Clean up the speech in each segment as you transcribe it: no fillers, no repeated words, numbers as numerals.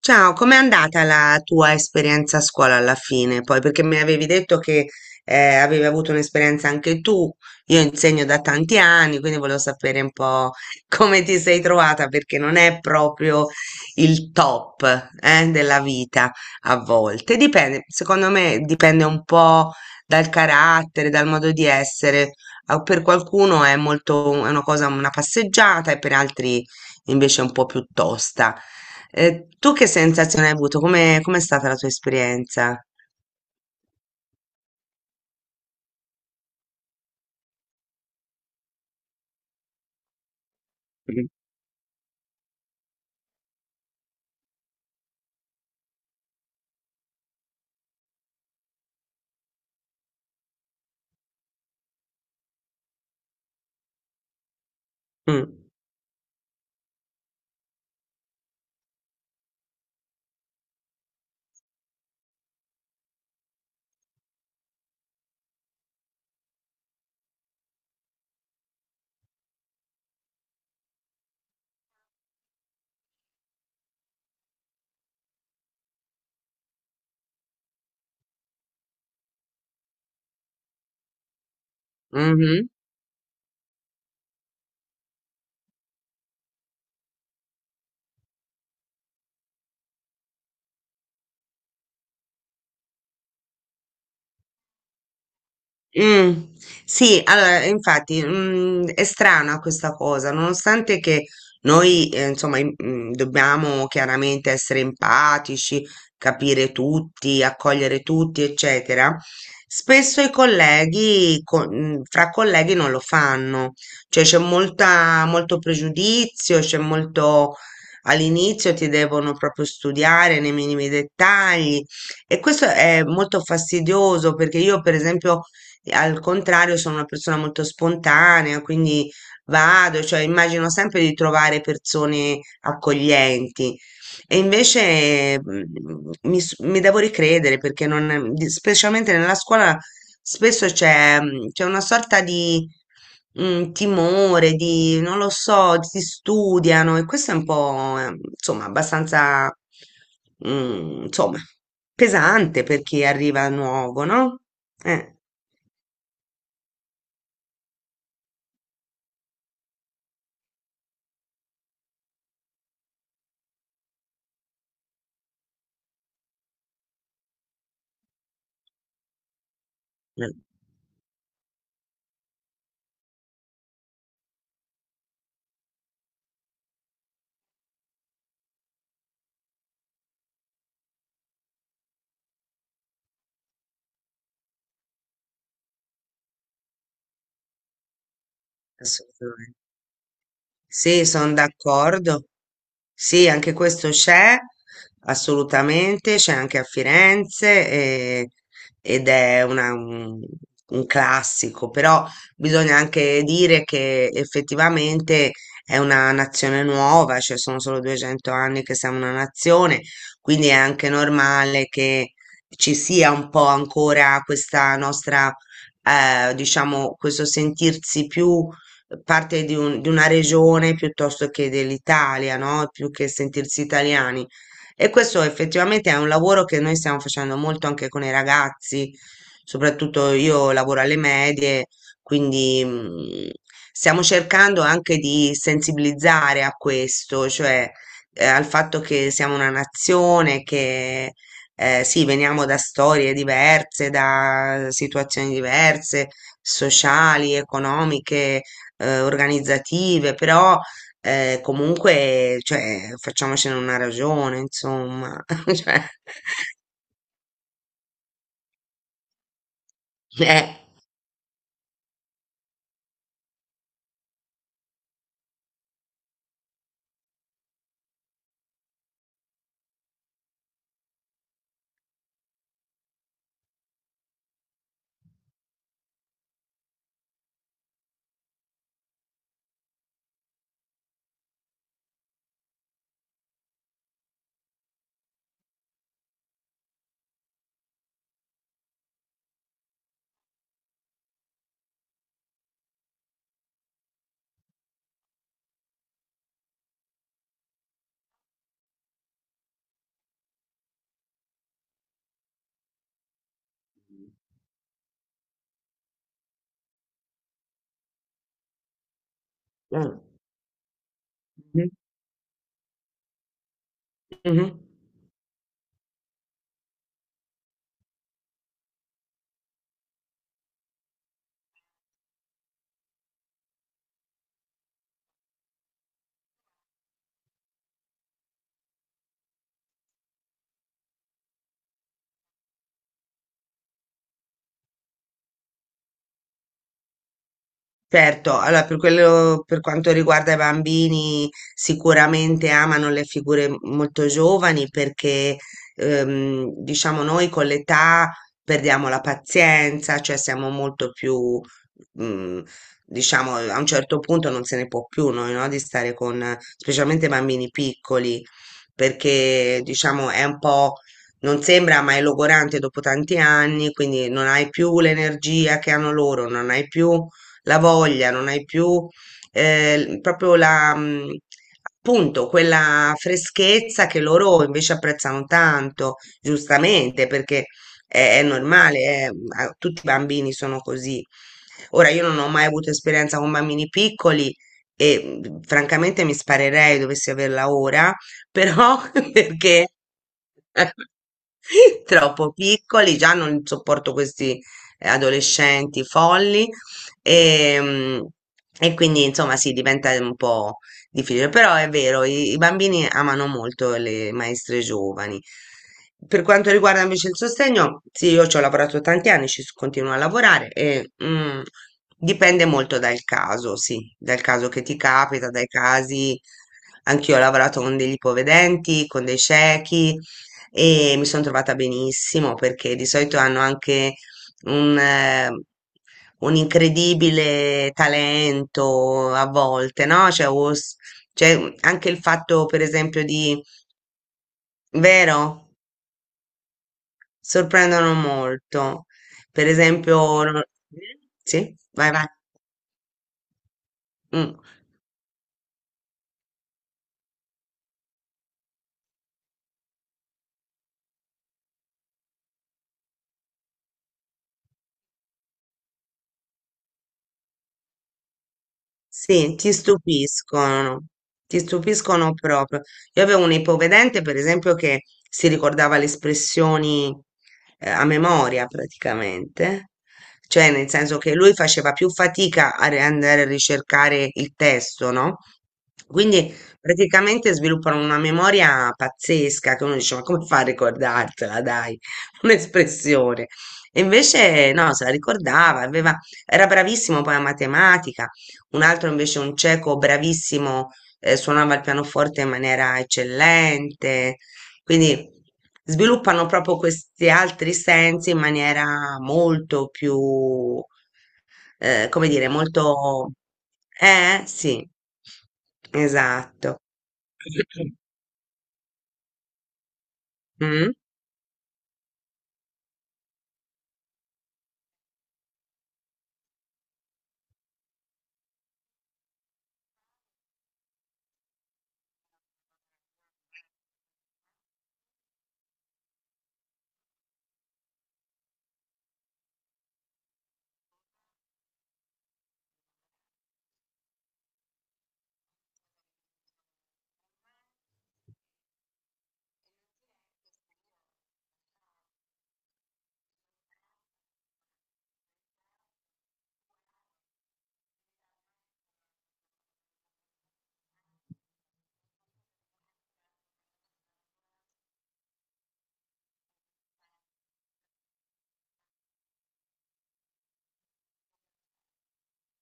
Ciao, com'è andata la tua esperienza a scuola alla fine? Poi, perché mi avevi detto che avevi avuto un'esperienza anche tu, io insegno da tanti anni, quindi volevo sapere un po' come ti sei trovata, perché non è proprio il top della vita a volte. Dipende, secondo me dipende un po' dal carattere, dal modo di essere. Ah, per qualcuno è molto, è una cosa, una passeggiata e per altri invece è un po' più tosta. Tu che sensazione hai avuto? Come, com'è stata la tua esperienza? Mm, mhm. Mm, sì, allora, infatti, è strana questa cosa, nonostante che noi, insomma, dobbiamo chiaramente essere empatici, capire tutti, accogliere tutti, eccetera. Spesso i colleghi, fra colleghi non lo fanno, cioè c'è molta, molto pregiudizio, c'è molto, all'inizio ti devono proprio studiare nei minimi dettagli e questo è molto fastidioso perché io, per esempio, e al contrario, sono una persona molto spontanea, quindi vado, cioè immagino sempre di trovare persone accoglienti. E invece mi devo ricredere perché non, specialmente nella scuola spesso c'è c'è una sorta di timore, di non lo so, si studiano e questo è un po' insomma abbastanza insomma pesante per chi arriva nuovo, no? Eh. Assolutamente. Sì, sono d'accordo. Sì, anche questo c'è, assolutamente, c'è anche a Firenze ed è un classico, però bisogna anche dire che effettivamente è una nazione nuova, cioè sono solo 200 anni che siamo una nazione, quindi è anche normale che ci sia un po' ancora questa nostra, diciamo, questo sentirsi più parte di, di una regione piuttosto che dell'Italia, no? Più che sentirsi italiani. E questo effettivamente è un lavoro che noi stiamo facendo molto anche con i ragazzi, soprattutto io lavoro alle medie, quindi stiamo cercando anche di sensibilizzare a questo, cioè al fatto che siamo una nazione, che sì, veniamo da storie diverse, da situazioni diverse, sociali, economiche, organizzative, però comunque, cioè, facciamocene una ragione, insomma. Cioè, eh, mm, mhm. Certo, allora per quello, per quanto riguarda i bambini, sicuramente amano le figure molto giovani perché, diciamo, noi con l'età perdiamo la pazienza, cioè siamo molto più, mm, diciamo, a un certo punto non se ne può più noi, no? Di stare con, specialmente bambini piccoli, perché, diciamo, è un po'. Non sembra, ma è logorante dopo tanti anni, quindi non hai più l'energia che hanno loro, non hai più la voglia, non hai più proprio la, appunto, quella freschezza che loro invece apprezzano tanto, giustamente, perché è normale, tutti i bambini sono così. Ora, io non ho mai avuto esperienza con bambini piccoli e francamente mi sparerei dovessi averla ora, però perché troppo piccoli, già non sopporto questi adolescenti folli e, mm, e quindi insomma sì, diventa un po' difficile, però è vero, i bambini amano molto le maestre giovani. Per quanto riguarda invece il sostegno, sì, io ci ho lavorato tanti anni, continuo a lavorare e dipende molto dal caso, sì, dal caso che ti capita, dai casi. Anch'io ho lavorato con degli ipovedenti, con dei ciechi e mi sono trovata benissimo perché di solito hanno anche un, eh, un incredibile talento a volte, no? Cioè, anche il fatto, per esempio, di, vero? Sorprendono molto. Per esempio, sì, vai, vai. Mm. Sì, ti stupiscono proprio. Io avevo un ipovedente, per esempio, che si ricordava le espressioni a memoria praticamente, cioè nel senso che lui faceva più fatica a andare a ricercare il testo, no? Quindi praticamente sviluppano una memoria pazzesca che uno dice, ma come fa a ricordartela, dai, un'espressione. E invece no, se la ricordava, aveva, era bravissimo poi a matematica, un altro invece un cieco bravissimo, suonava il pianoforte in maniera eccellente, quindi sviluppano proprio questi altri sensi in maniera molto più, come dire, molto. Sì, esatto. Mm.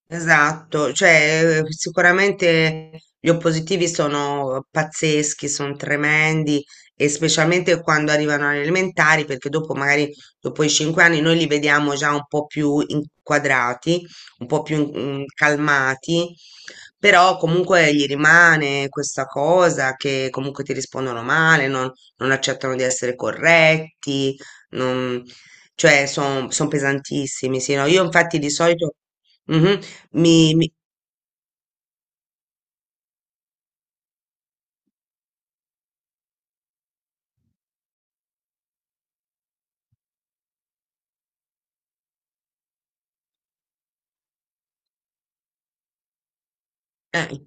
Esatto, cioè sicuramente gli oppositivi sono pazzeschi, sono tremendi e specialmente quando arrivano alle elementari, perché dopo magari dopo i 5 anni noi li vediamo già un po' più inquadrati, un po' più calmati, però comunque gli rimane questa cosa che comunque ti rispondono male, non, non accettano di essere corretti, non- cioè sono pesantissimi, sì, no? Io infatti di solito. Mhm. Mi, mi- eh,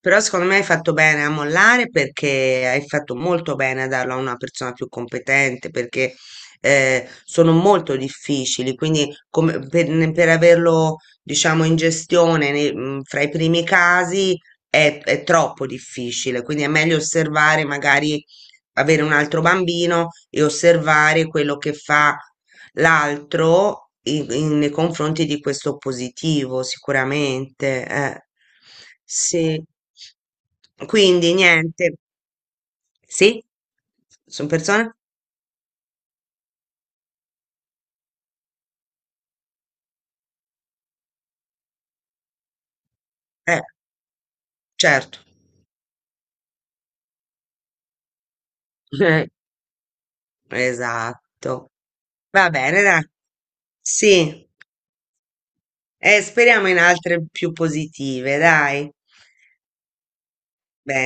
però secondo me hai fatto bene a mollare perché hai fatto molto bene a darlo a una persona più competente perché sono molto difficili, quindi per averlo diciamo in gestione fra i primi casi è troppo difficile, quindi è meglio osservare magari avere un altro bambino e osservare quello che fa l'altro nei confronti di questo positivo, sicuramente. Eh. Sì. Quindi niente. Sì? Sono persone? Eh, certo. Eh, esatto. Va bene, dai. Sì. Speriamo in altre più positive, dai. Bene.